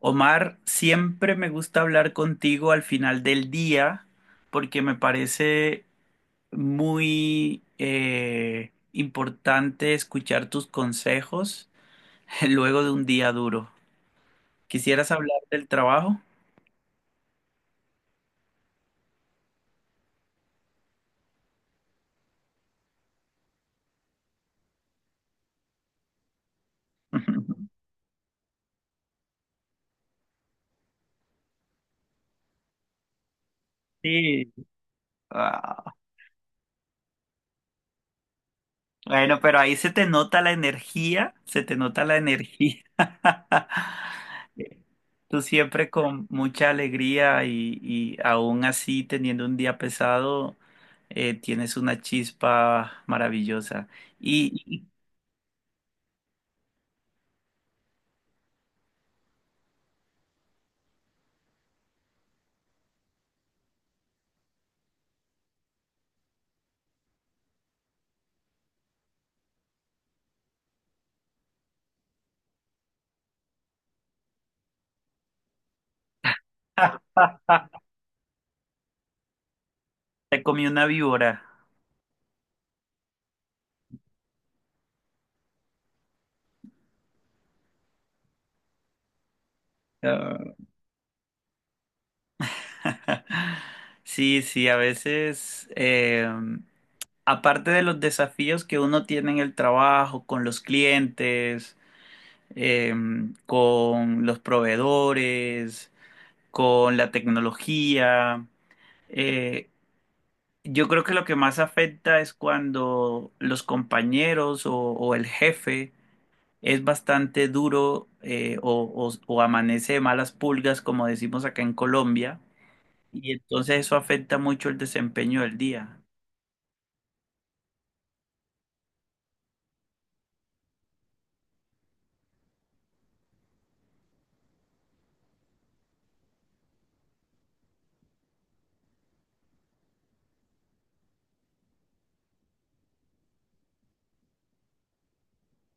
Omar, siempre me gusta hablar contigo al final del día porque me parece muy importante escuchar tus consejos luego de un día duro. ¿Quisieras hablar del trabajo? Sí. Ah, bueno, pero ahí se te nota la energía, se te nota la energía. Tú siempre con mucha alegría y aún así teniendo un día pesado, tienes una chispa maravillosa. Y te comí una víbora. Ah. Sí, sí, a veces, aparte de los desafíos que uno tiene en el trabajo, con los clientes, eh, con los proveedores, con la tecnología, eh, yo creo que lo que más afecta es cuando los compañeros o el jefe es bastante duro o amanece de malas pulgas, como decimos acá en Colombia, y entonces eso afecta mucho el desempeño del día.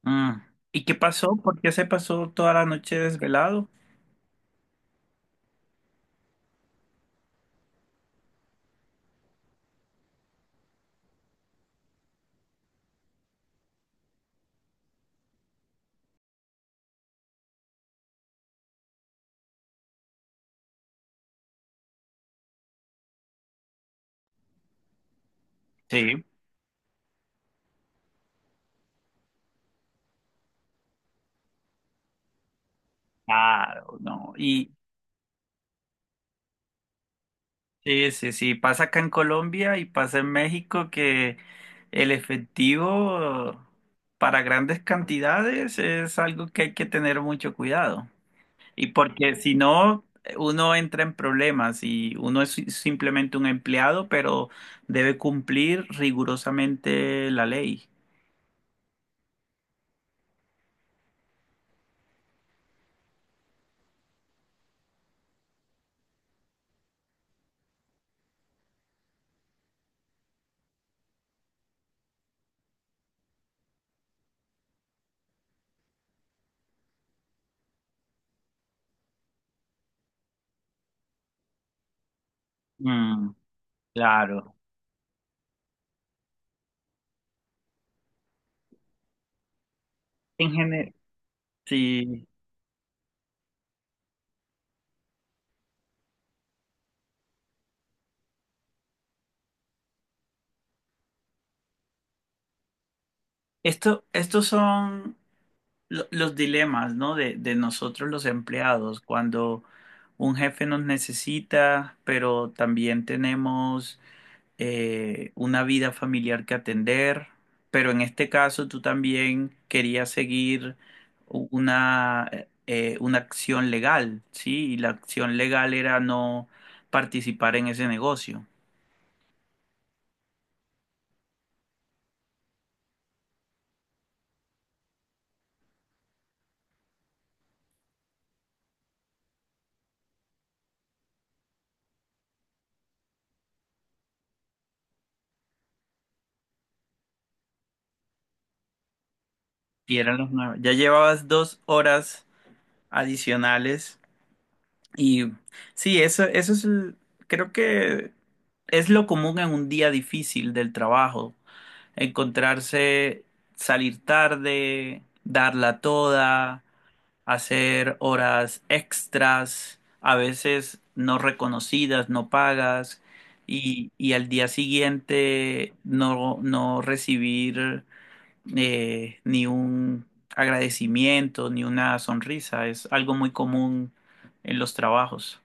Mm. ¿Y qué pasó? ¿Por qué se pasó toda la noche desvelado? Sí. Claro, no. Y, sí, sí, sí, pasa acá en Colombia y pasa en México que el efectivo para grandes cantidades es algo que hay que tener mucho cuidado. Y porque si no, uno entra en problemas y uno es simplemente un empleado, pero debe cumplir rigurosamente la ley. Mm, claro. En general, sí. Estos son los dilemas, ¿no? De nosotros los empleados, cuando un jefe nos necesita, pero también tenemos una vida familiar que atender, pero en este caso tú también querías seguir u- una, una acción legal, ¿sí? Y la acción legal era no participar en ese negocio. Y eran los nueve. Ya llevabas dos horas adicionales. Y sí, eso es, creo que es lo común en un día difícil del trabajo, encontrarse, salir tarde, darla toda, hacer horas extras, a veces no reconocidas, no pagas, y al día siguiente no, no recibir ni un agradecimiento, ni una sonrisa, es algo muy común en los trabajos.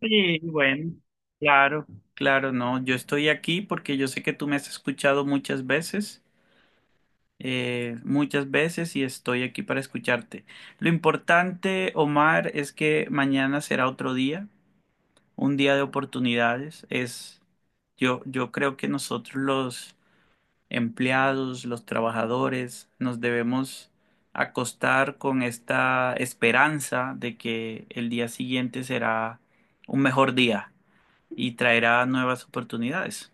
Sí, bueno, claro, claro, no, yo estoy aquí porque yo sé que tú me has escuchado muchas veces y estoy aquí para escucharte. Lo importante, Omar, es que mañana será otro día, un día de oportunidades. Es, yo creo que nosotros los empleados, los trabajadores, nos debemos acostar con esta esperanza de que el día siguiente será un mejor día y traerá nuevas oportunidades.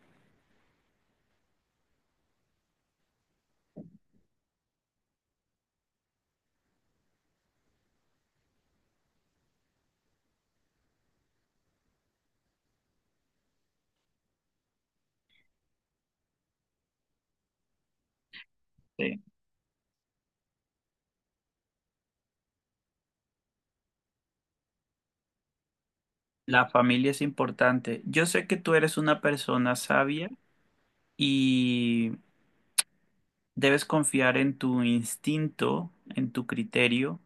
Sí. La familia es importante. Yo sé que tú eres una persona sabia y debes confiar en tu instinto, en tu criterio.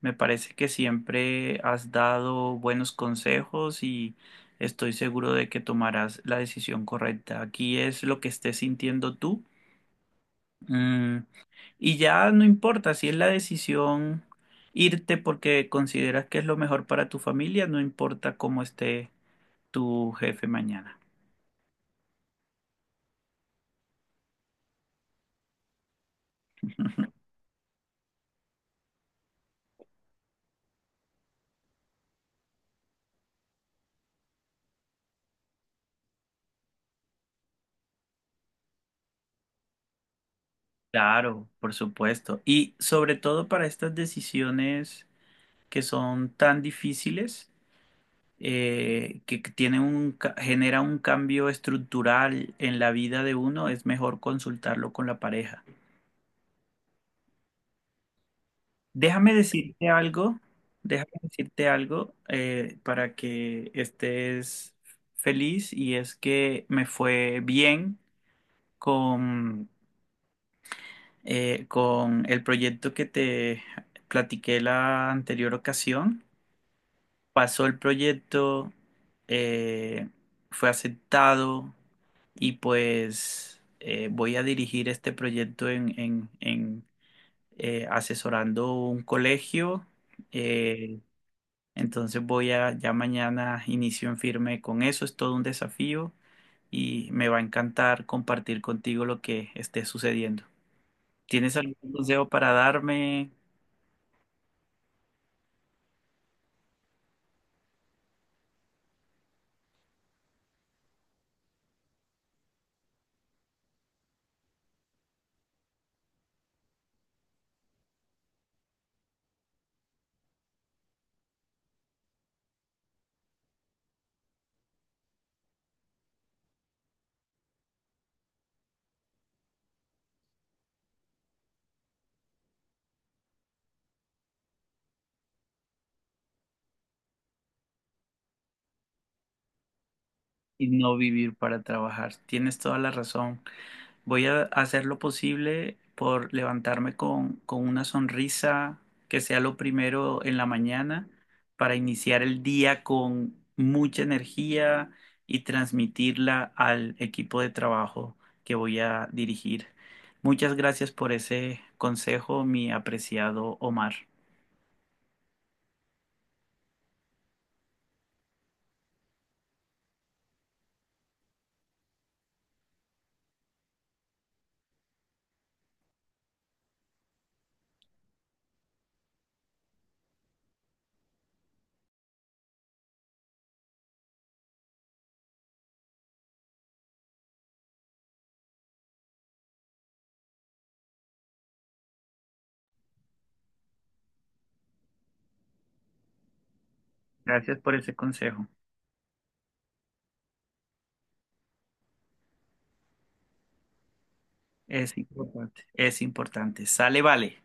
Me parece que siempre has dado buenos consejos y estoy seguro de que tomarás la decisión correcta. Aquí es lo que estés sintiendo tú. Mm, y ya no importa si es la decisión irte porque consideras que es lo mejor para tu familia, no importa cómo esté tu jefe mañana. Claro, por supuesto. Y sobre todo para estas decisiones que son tan difíciles, que tienen un, genera un cambio estructural en la vida de uno, es mejor consultarlo con la pareja. Déjame decirte algo, déjame decirte algo para que estés feliz y es que me fue bien con, con el proyecto que te platiqué la anterior ocasión. Pasó el proyecto, eh, fue aceptado y pues voy a dirigir este proyecto asesorando un colegio. eh, Entonces voy a, ya mañana inicio en firme con eso, es todo un desafío y me va a encantar compartir contigo lo que esté sucediendo. ¿Tienes algún consejo para darme y no vivir para trabajar? Tienes toda la razón. Voy a hacer lo posible por levantarme con una sonrisa que sea lo primero en la mañana para iniciar el día con mucha energía y transmitirla al equipo de trabajo que voy a dirigir. Muchas gracias por ese consejo, mi apreciado Omar. Gracias por ese consejo. Es importante. Es importante. Sale, vale.